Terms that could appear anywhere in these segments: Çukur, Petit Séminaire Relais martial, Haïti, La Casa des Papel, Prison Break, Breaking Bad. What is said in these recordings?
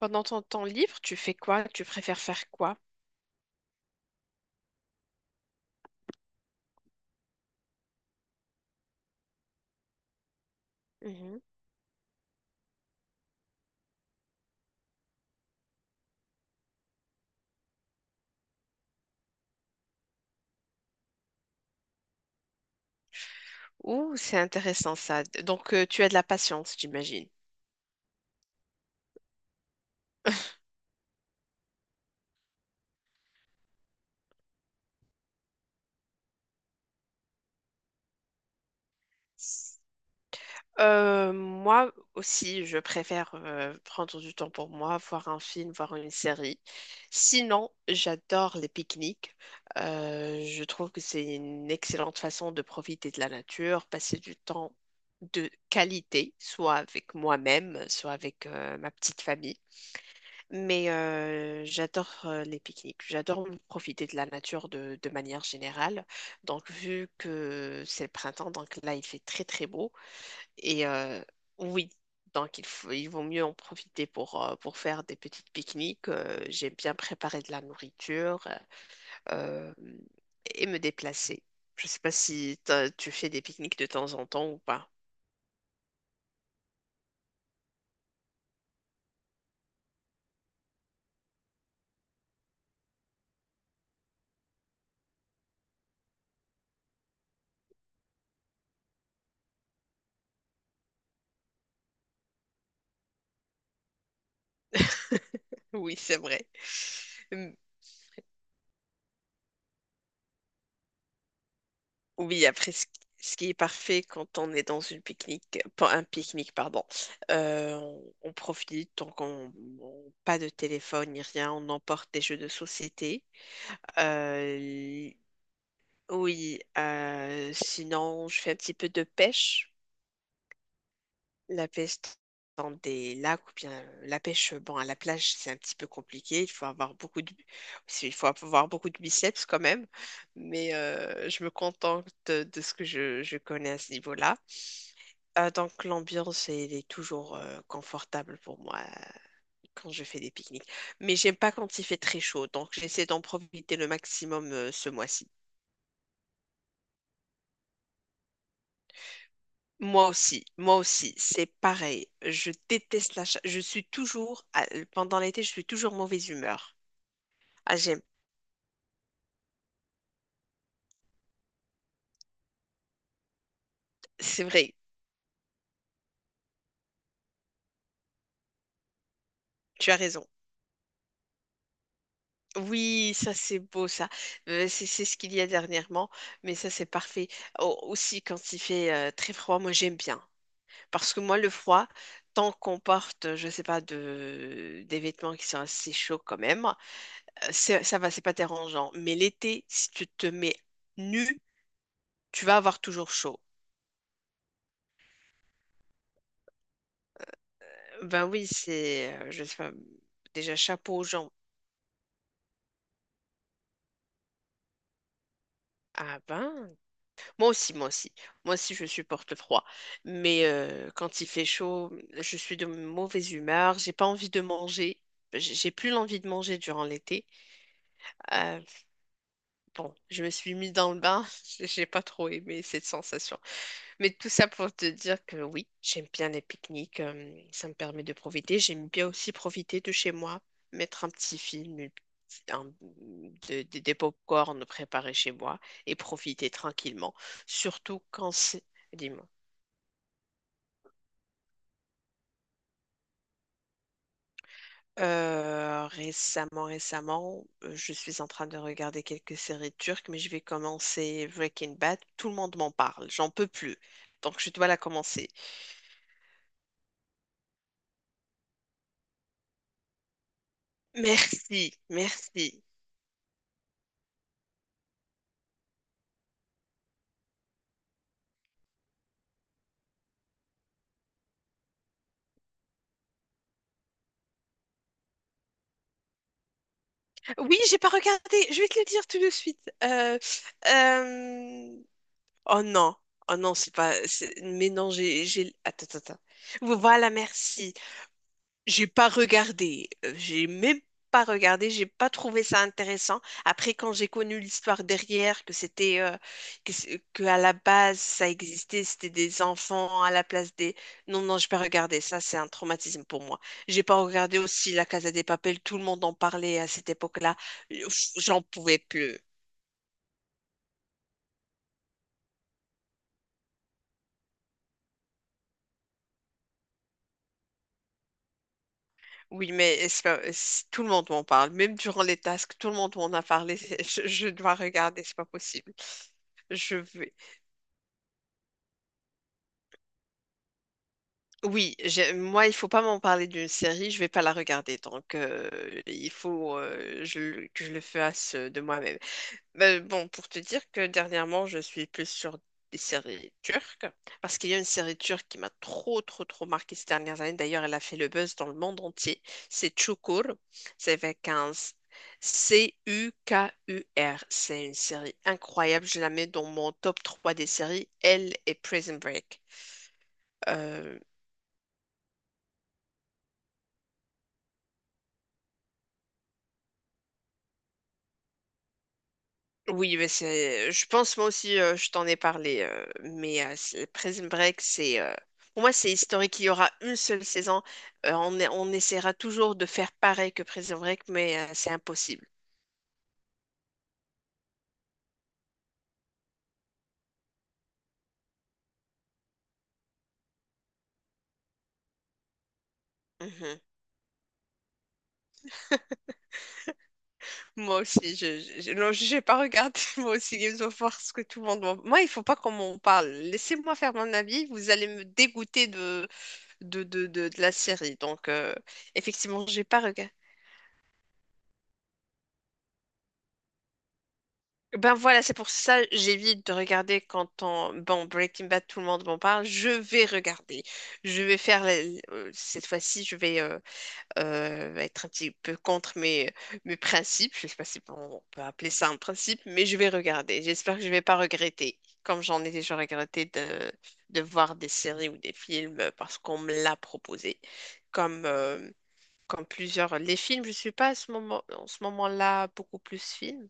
Pendant ton temps libre, tu fais quoi? Tu préfères faire quoi? Mhm. Ouh, c'est intéressant ça. Donc, tu as de la patience, j'imagine. Moi aussi, je préfère prendre du temps pour moi, voir un film, voir une série. Sinon, j'adore les pique-niques. Je trouve que c'est une excellente façon de profiter de la nature, passer du temps de qualité, soit avec moi-même, soit avec ma petite famille. Mais j'adore les pique-niques. J'adore profiter de la nature de manière générale. Donc, vu que c'est le printemps, donc là, il fait très, très beau. Et oui, donc il vaut mieux en profiter pour faire des petites pique-niques. J'aime bien préparer de la nourriture euh, et me déplacer. Je ne sais pas si tu fais des pique-niques de temps en temps ou pas. Oui, c'est vrai. Hum, Oui, après, ce qui est parfait quand on est dans une pique-nique, pas un pique-nique, pardon, on profite, donc pas de téléphone ni rien, on emporte des jeux de société. euh, Oui, sinon je fais un petit peu de pêche. La pêche dans des lacs ou bien la pêche bon à la plage, c'est un petit peu compliqué. Il faut avoir beaucoup de biceps quand même, mais je me contente de ce que je connais à ce niveau-là. Donc l'ambiance elle est toujours confortable pour moi quand je fais des pique-niques. Mais j'aime pas quand il fait très chaud, donc j'essaie d'en profiter le maximum ce mois-ci. Moi aussi, c'est pareil. Je déteste la cha- Je suis toujours pendant l'été, je suis toujours mauvaise humeur. Ah, j'aime. C'est vrai, tu as raison. Oui, ça c'est beau, ça. C'est ce qu'il y a dernièrement, mais ça c'est parfait. Aussi, quand il fait très froid, moi j'aime bien. Parce que moi, le froid, tant qu'on porte, je sais pas, des vêtements qui sont assez chauds quand même, ça va, c'est pas dérangeant. Mais l'été, si tu te mets nu, tu vas avoir toujours chaud. Ben oui, c'est, je sais pas, déjà chapeau aux gens. Ah ben, moi aussi, moi aussi. Moi aussi, je supporte le froid. Mais quand il fait chaud, je suis de mauvaise humeur, j'ai pas envie de manger. J'ai plus l'envie de manger durant l'été. Euh, bon, je me suis mis dans le bain, j'ai pas trop aimé cette sensation. Mais tout ça pour te dire que oui, j'aime bien les pique-niques, ça me permet de profiter. J'aime bien aussi profiter de chez moi, mettre un petit film, une petite- un- de- des pop-corn préparés chez moi et profiter tranquillement. Surtout quand c'est. Dis-moi. Récemment, récemment, je suis en train de regarder quelques séries turques, mais je vais commencer Breaking Bad. Tout le monde m'en parle, j'en peux plus. Donc je dois la commencer. Merci, merci. Oui, j'ai pas regardé. Je vais te le dire tout de suite. Euh, Oh non, oh non, c'est pas. Mais non, j'ai. Attends, attends, attends. Voilà, merci. J'ai pas regardé, j'ai même pas regardé, j'ai pas trouvé ça intéressant. Après, quand j'ai connu l'histoire derrière, que c'était que à la base ça existait, c'était des enfants à la place des. Non, non, j'ai pas regardé. Ça, c'est un traumatisme pour moi. J'ai pas regardé aussi La Casa des Papel. Tout le monde en parlait à cette époque-là. Pff, j'en pouvais plus. Oui, mais c'est pas- c'est- tout le monde m'en parle. Même durant les tasks, tout le monde m'en a parlé. Je dois regarder, c'est pas possible. Je vais- Oui, moi, il faut pas m'en parler d'une série, je vais pas la regarder. Donc, il faut que je le fasse de moi-même. Mais bon, pour te dire que dernièrement, je suis plus sur des séries turques, parce qu'il y a une série turque qui m'a trop, trop, trop marqué ces dernières années. D'ailleurs, elle a fait le buzz dans le monde entier. C'est Çukur. C'est avec un s- C-U-K-U-R. C'est une série incroyable. Je la mets dans mon top 3 des séries. Elle et Prison Break. Oui, mais c'est. Je pense moi aussi, je t'en ai parlé, mais Prison Break, c'est. Pour moi, c'est historique. Il y aura une seule saison. On essaiera toujours de faire pareil que Prison Break, mais c'est impossible. Mhm. Moi aussi, non, j'ai pas regardé moi aussi Games of War ce que tout le monde. Moi, il faut pas qu'on m'en parle. Laissez-moi faire mon avis. Vous allez me dégoûter de la série. Donc, effectivement, j'ai pas regardé. Ben voilà, c'est pour ça j'évite de regarder quand on. Bon, Breaking Bad, tout le monde m'en parle. Je vais regarder. Je vais faire. Cette fois-ci, je vais être un petit peu contre mes principes. Je sais pas si on peut appeler ça un principe, mais je vais regarder. J'espère que je vais pas regretter, comme j'en ai déjà regretté de voir des séries ou des films parce qu'on me l'a proposé. Comme... euh, comme plusieurs. Les films, je suis pas à ce moment, en ce moment-là beaucoup plus film.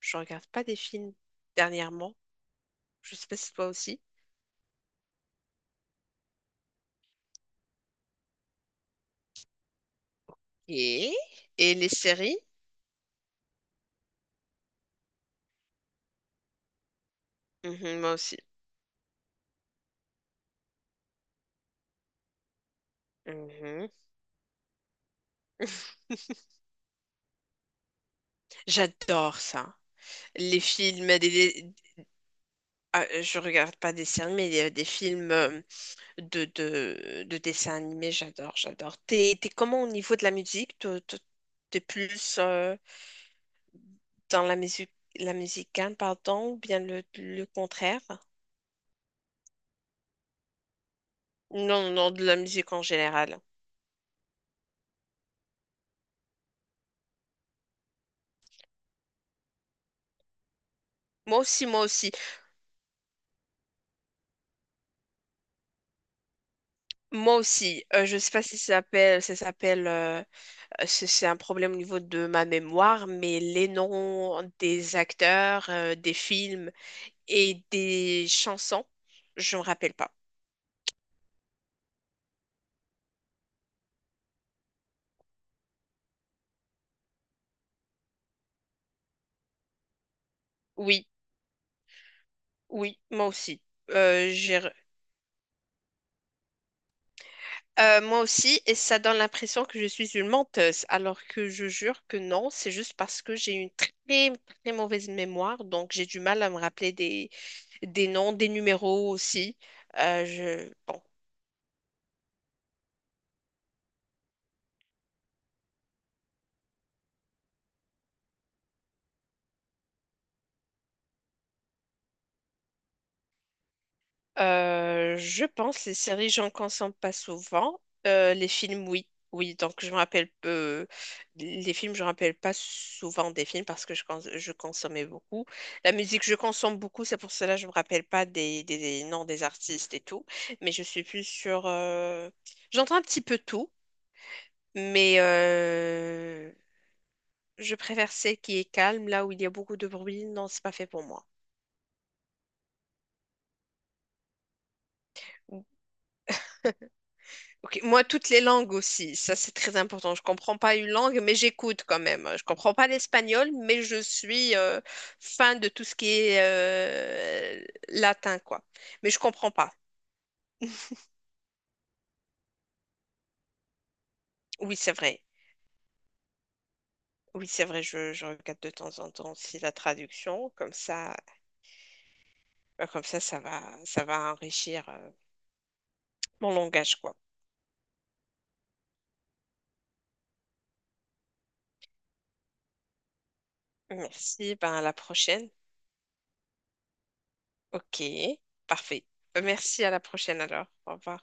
Je regarde pas des films dernièrement. Je sais pas si toi aussi. Et, et les séries? Mhm, moi aussi. Mhm. J'adore ça. Les films, ah, je regarde pas des séries, mais des films de dessins animés, j'adore, j'adore. T'es comment au niveau de la musique? Toi, toi, t'es plus dans la musique, la musicale, pardon, ou bien le contraire? Non, non, de la musique en général. Moi aussi, moi aussi, moi aussi. Je sais pas si c'est un problème au niveau de ma mémoire, mais les noms des acteurs, des films et des chansons, je me rappelle pas. Oui, oui, moi aussi. J'ai Moi aussi, et ça donne l'impression que je suis une menteuse, alors que je jure que non, c'est juste parce que j'ai une très, très mauvaise mémoire, donc j'ai du mal à me rappeler des noms, des numéros aussi. Euh, je, bon, je pense les séries, j'en consomme pas souvent. Les films, oui. Oui, donc je me rappelle peu. Les films, je me rappelle pas souvent des films parce que je consommais beaucoup. La musique, je consomme beaucoup, c'est pour cela que je me rappelle pas des noms des artistes et tout. Mais je suis plus sur. J'entends un petit peu tout, mais je préfère celle qui est calme, là où il y a beaucoup de bruit. Non, c'est pas fait pour moi. Ok, moi, toutes les langues aussi, ça c'est très important. Je comprends pas une langue, mais j'écoute quand même. Je comprends pas l'espagnol, mais je suis fan de tout ce qui est latin, quoi. Mais je comprends pas. Oui, c'est vrai. Oui, c'est vrai. Je regarde de temps en temps aussi la traduction, comme ça, ben, comme ça, ça va enrichir mon langage, quoi. Merci. Ben à la prochaine. Ok, parfait. Merci à la prochaine alors. Au revoir.